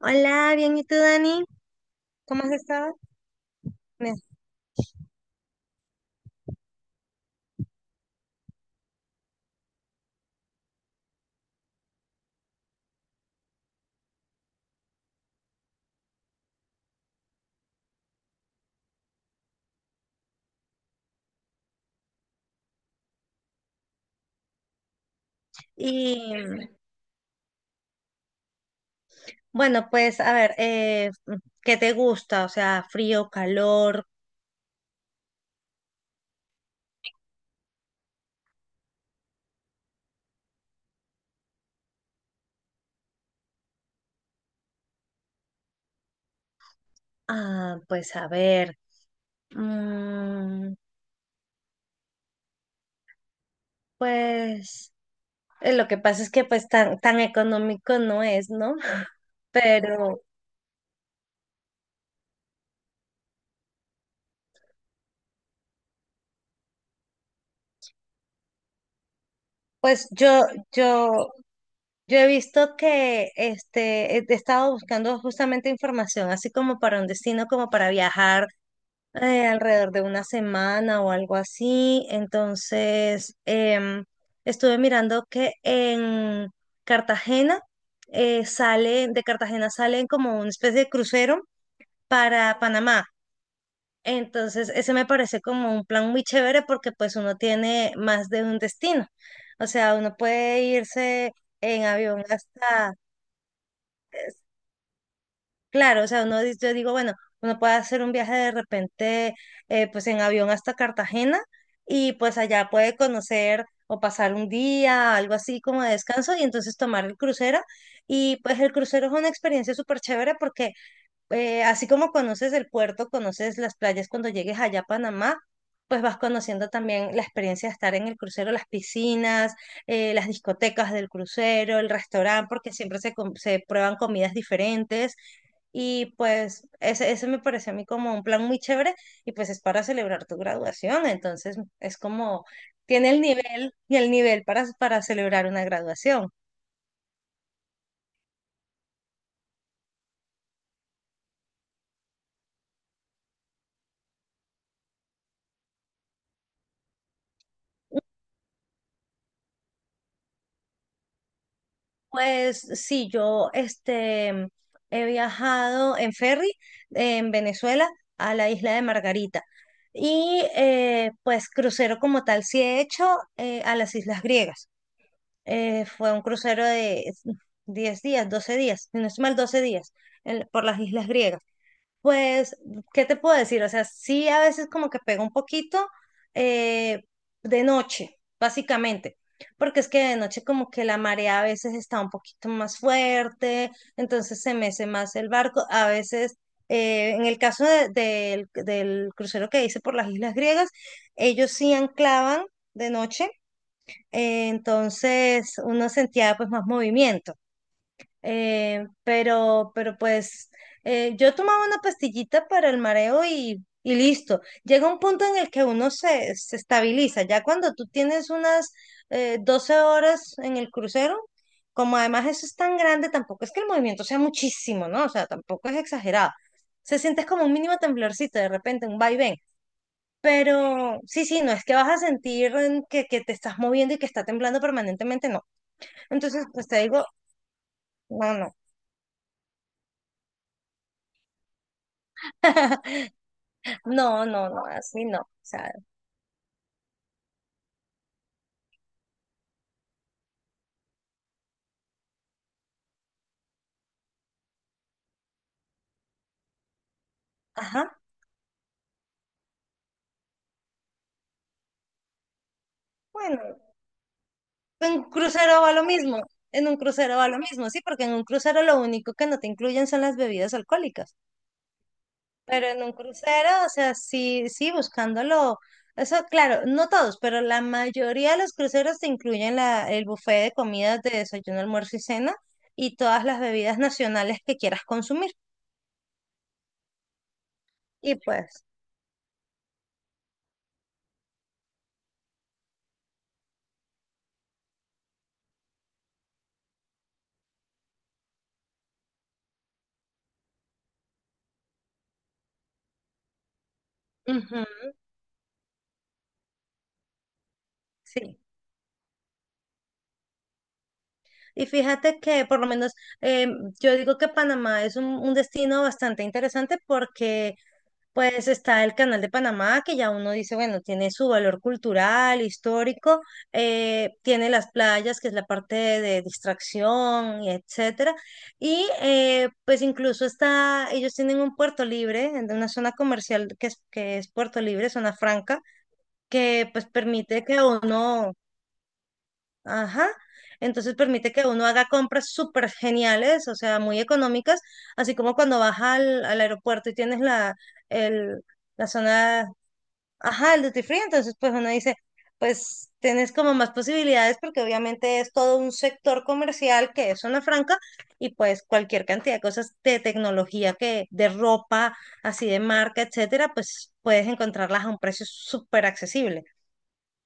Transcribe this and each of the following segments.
Hola, bien, ¿y tú, Dani? ¿Cómo has estado? Bien. Y bueno, pues a ver, ¿qué te gusta? O sea, frío, calor. Ah, pues a ver, mm, pues lo que pasa es que pues tan económico no es, ¿no? Pero pues yo, yo he visto que he estado buscando justamente información, así como para un destino, como para viajar alrededor de una semana o algo así. Entonces, estuve mirando que en Cartagena de Cartagena salen como una especie de crucero para Panamá. Entonces, ese me parece como un plan muy chévere porque pues uno tiene más de un destino. O sea, uno puede irse en avión hasta. Claro, o sea, yo digo, bueno, uno puede hacer un viaje de repente, pues en avión hasta Cartagena y pues allá puede conocer o pasar un día, algo así como de descanso y entonces tomar el crucero. Y pues el crucero es una experiencia súper chévere porque así como conoces el puerto, conoces las playas cuando llegues allá a Panamá, pues vas conociendo también la experiencia de estar en el crucero, las piscinas, las discotecas del crucero, el restaurante, porque siempre se prueban comidas diferentes. Y pues ese me parece a mí como un plan muy chévere y pues es para celebrar tu graduación, entonces es como tiene el nivel y el nivel para celebrar una graduación. Pues sí, yo he viajado en ferry en Venezuela a la isla de Margarita y pues crucero como tal sí he hecho a las islas griegas. Fue un crucero de 10 días, 12 días, si no es mal 12 días por las islas griegas. Pues, ¿qué te puedo decir? O sea, sí a veces como que pega un poquito eh, de noche, básicamente, porque es que de noche como que la marea a veces está un poquito más fuerte, entonces se mece más el barco. A veces, en el caso del crucero que hice por las Islas Griegas, ellos sí anclaban de noche, entonces uno sentía pues más movimiento. Pero pues yo tomaba una pastillita para el mareo y listo. Llega un punto en el que uno se estabiliza. Ya cuando tú tienes unas 12 horas en el crucero, como además eso es tan grande, tampoco es que el movimiento sea muchísimo, ¿no? O sea, tampoco es exagerado. Se sientes como un mínimo temblorcito de repente, un vaivén. Pero sí, sí, no es que vas a sentir que te estás moviendo y que está temblando permanentemente, no. Entonces, pues te digo, no, no. No, no, no, así no. O sea, ajá, bueno, en un crucero va lo mismo, en un crucero va lo mismo, sí, porque en un crucero lo único que no te incluyen son las bebidas alcohólicas, pero en un crucero, o sea, sí, sí, buscándolo, eso claro, no todos, pero la mayoría de los cruceros te incluyen la, el buffet de comidas de desayuno, almuerzo y cena y todas las bebidas nacionales que quieras consumir. Y pues, ujú, sí. Y fíjate que por lo menos eh, yo digo que Panamá es un destino bastante interesante porque pues está el Canal de Panamá, que ya uno dice, bueno, tiene su valor cultural, histórico, tiene las playas, que es la parte de, distracción, y etcétera. Y pues incluso está, ellos tienen un puerto libre, en una zona comercial que es Puerto Libre, zona franca, que pues permite que uno... Ajá. Entonces permite que uno haga compras súper geniales, o sea, muy económicas, así como cuando vas al aeropuerto y tienes el, la zona, ajá, el duty free, entonces pues uno dice, pues tienes como más posibilidades porque obviamente es todo un sector comercial que es zona franca y pues cualquier cantidad de cosas de tecnología que, de ropa, así de marca, etcétera, pues puedes encontrarlas a un precio súper accesible.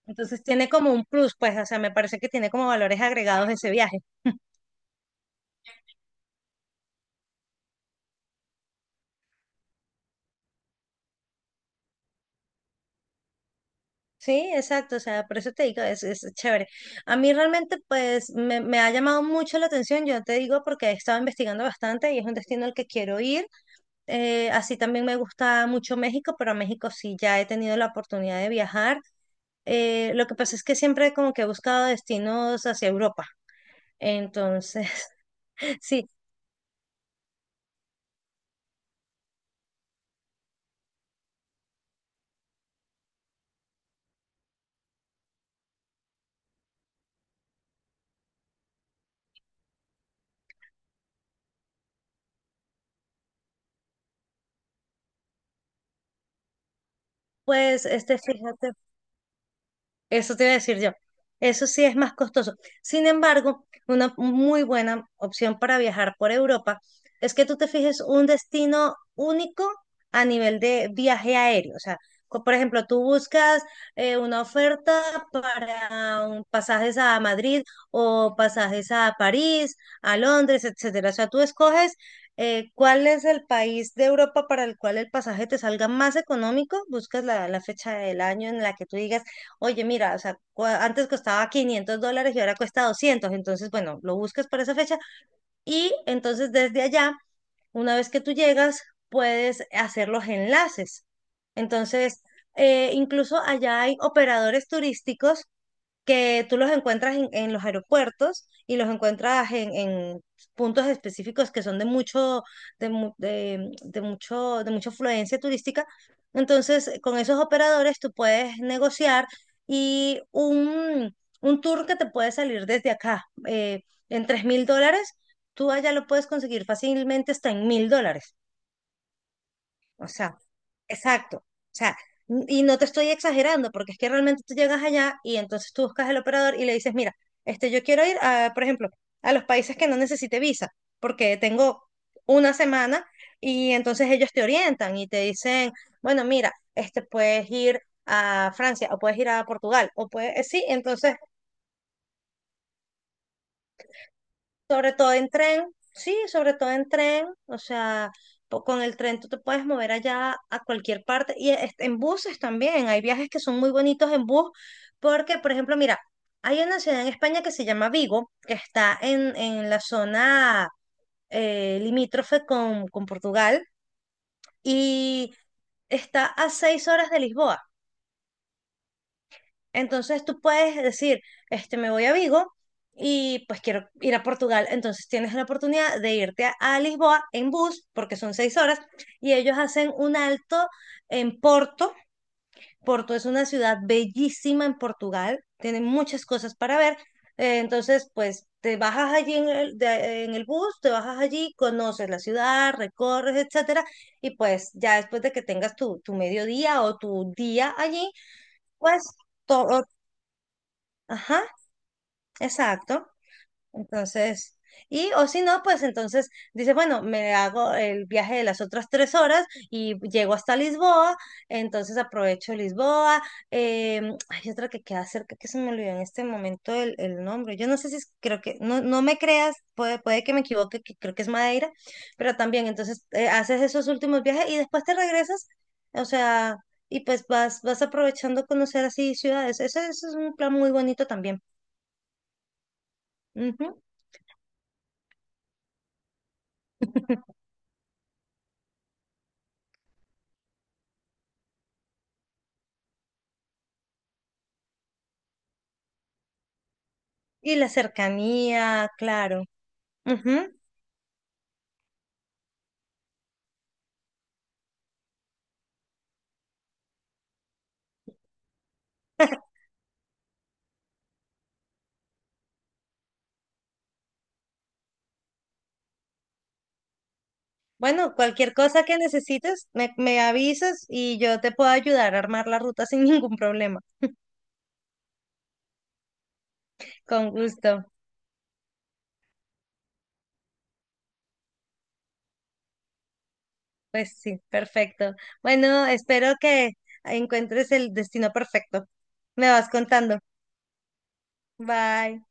Entonces tiene como un plus, pues, o sea, me parece que tiene como valores agregados ese viaje. Sí, exacto, o sea, por eso te digo, es chévere. A mí realmente, pues, me ha llamado mucho la atención, yo te digo, porque he estado investigando bastante y es un destino al que quiero ir. Así también me gusta mucho México, pero a México sí ya he tenido la oportunidad de viajar. Lo que pasa es que siempre como que he buscado destinos hacia Europa. Entonces, sí, pues, fíjate. Eso te iba a decir yo. Eso sí es más costoso. Sin embargo, una muy buena opción para viajar por Europa es que tú te fijes un destino único a nivel de viaje aéreo. O sea, por ejemplo, tú buscas una oferta para pasajes a Madrid o pasajes a París, a Londres, etcétera. O sea, tú escoges cuál es el país de Europa para el cual el pasaje te salga más económico, buscas la, la fecha del año en la que tú digas oye, mira, o sea, antes costaba 500 dólares y ahora cuesta 200, entonces, bueno, lo buscas para esa fecha y entonces desde allá, una vez que tú llegas, puedes hacer los enlaces. Entonces, incluso allá hay operadores turísticos que tú los encuentras en los aeropuertos y los encuentras en puntos específicos que son de mucho, de, mu- de mucho, de mucha afluencia turística. Entonces, con esos operadores tú puedes negociar y un tour que te puede salir desde acá en 3.000 dólares, tú allá lo puedes conseguir fácilmente hasta en 1.000 dólares. O sea, exacto. O sea, y no te estoy exagerando, porque es que realmente tú llegas allá y entonces tú buscas al operador y le dices, mira, yo quiero ir a, por ejemplo, a los países que no necesite visa, porque tengo una semana y entonces ellos te orientan y te dicen, bueno, mira, este puedes ir a Francia o puedes ir a Portugal o puedes, sí, entonces sobre todo en tren, sí, sobre todo en tren, o sea, con el tren tú te puedes mover allá a cualquier parte y en buses también, hay viajes que son muy bonitos en bus, porque, por ejemplo, mira, hay una ciudad en España que se llama Vigo, que está en la zona limítrofe con Portugal y está a 6 horas de Lisboa. Entonces tú puedes decir, me voy a Vigo y pues quiero ir a Portugal. Entonces tienes la oportunidad de irte a Lisboa en bus, porque son 6 horas, y ellos hacen un alto en Porto. Porto es una ciudad bellísima en Portugal, tienen muchas cosas para ver. Entonces, pues te bajas allí en el bus, te bajas allí, conoces la ciudad, recorres, etcétera, y pues ya después de que tengas tu mediodía o tu día allí, pues todo, ajá. Exacto. Entonces, y o si no, pues entonces dice, bueno, me hago el viaje de las otras 3 horas y llego hasta Lisboa, entonces aprovecho Lisboa. Hay otra que queda cerca que se me olvidó en este momento el nombre. Yo no sé si es- creo que, no, no me creas, puede que me equivoque, que creo que es Madeira, pero también entonces haces esos últimos viajes y después te regresas, o sea, y pues vas aprovechando conocer así ciudades. Ese es un plan muy bonito también. Ujú. Y la cercanía, claro. Ujú. Bueno, cualquier cosa que necesites, me avisas y yo te puedo ayudar a armar la ruta sin ningún problema. Con gusto. Pues sí, perfecto. Bueno, espero que encuentres el destino perfecto. Me vas contando. Bye.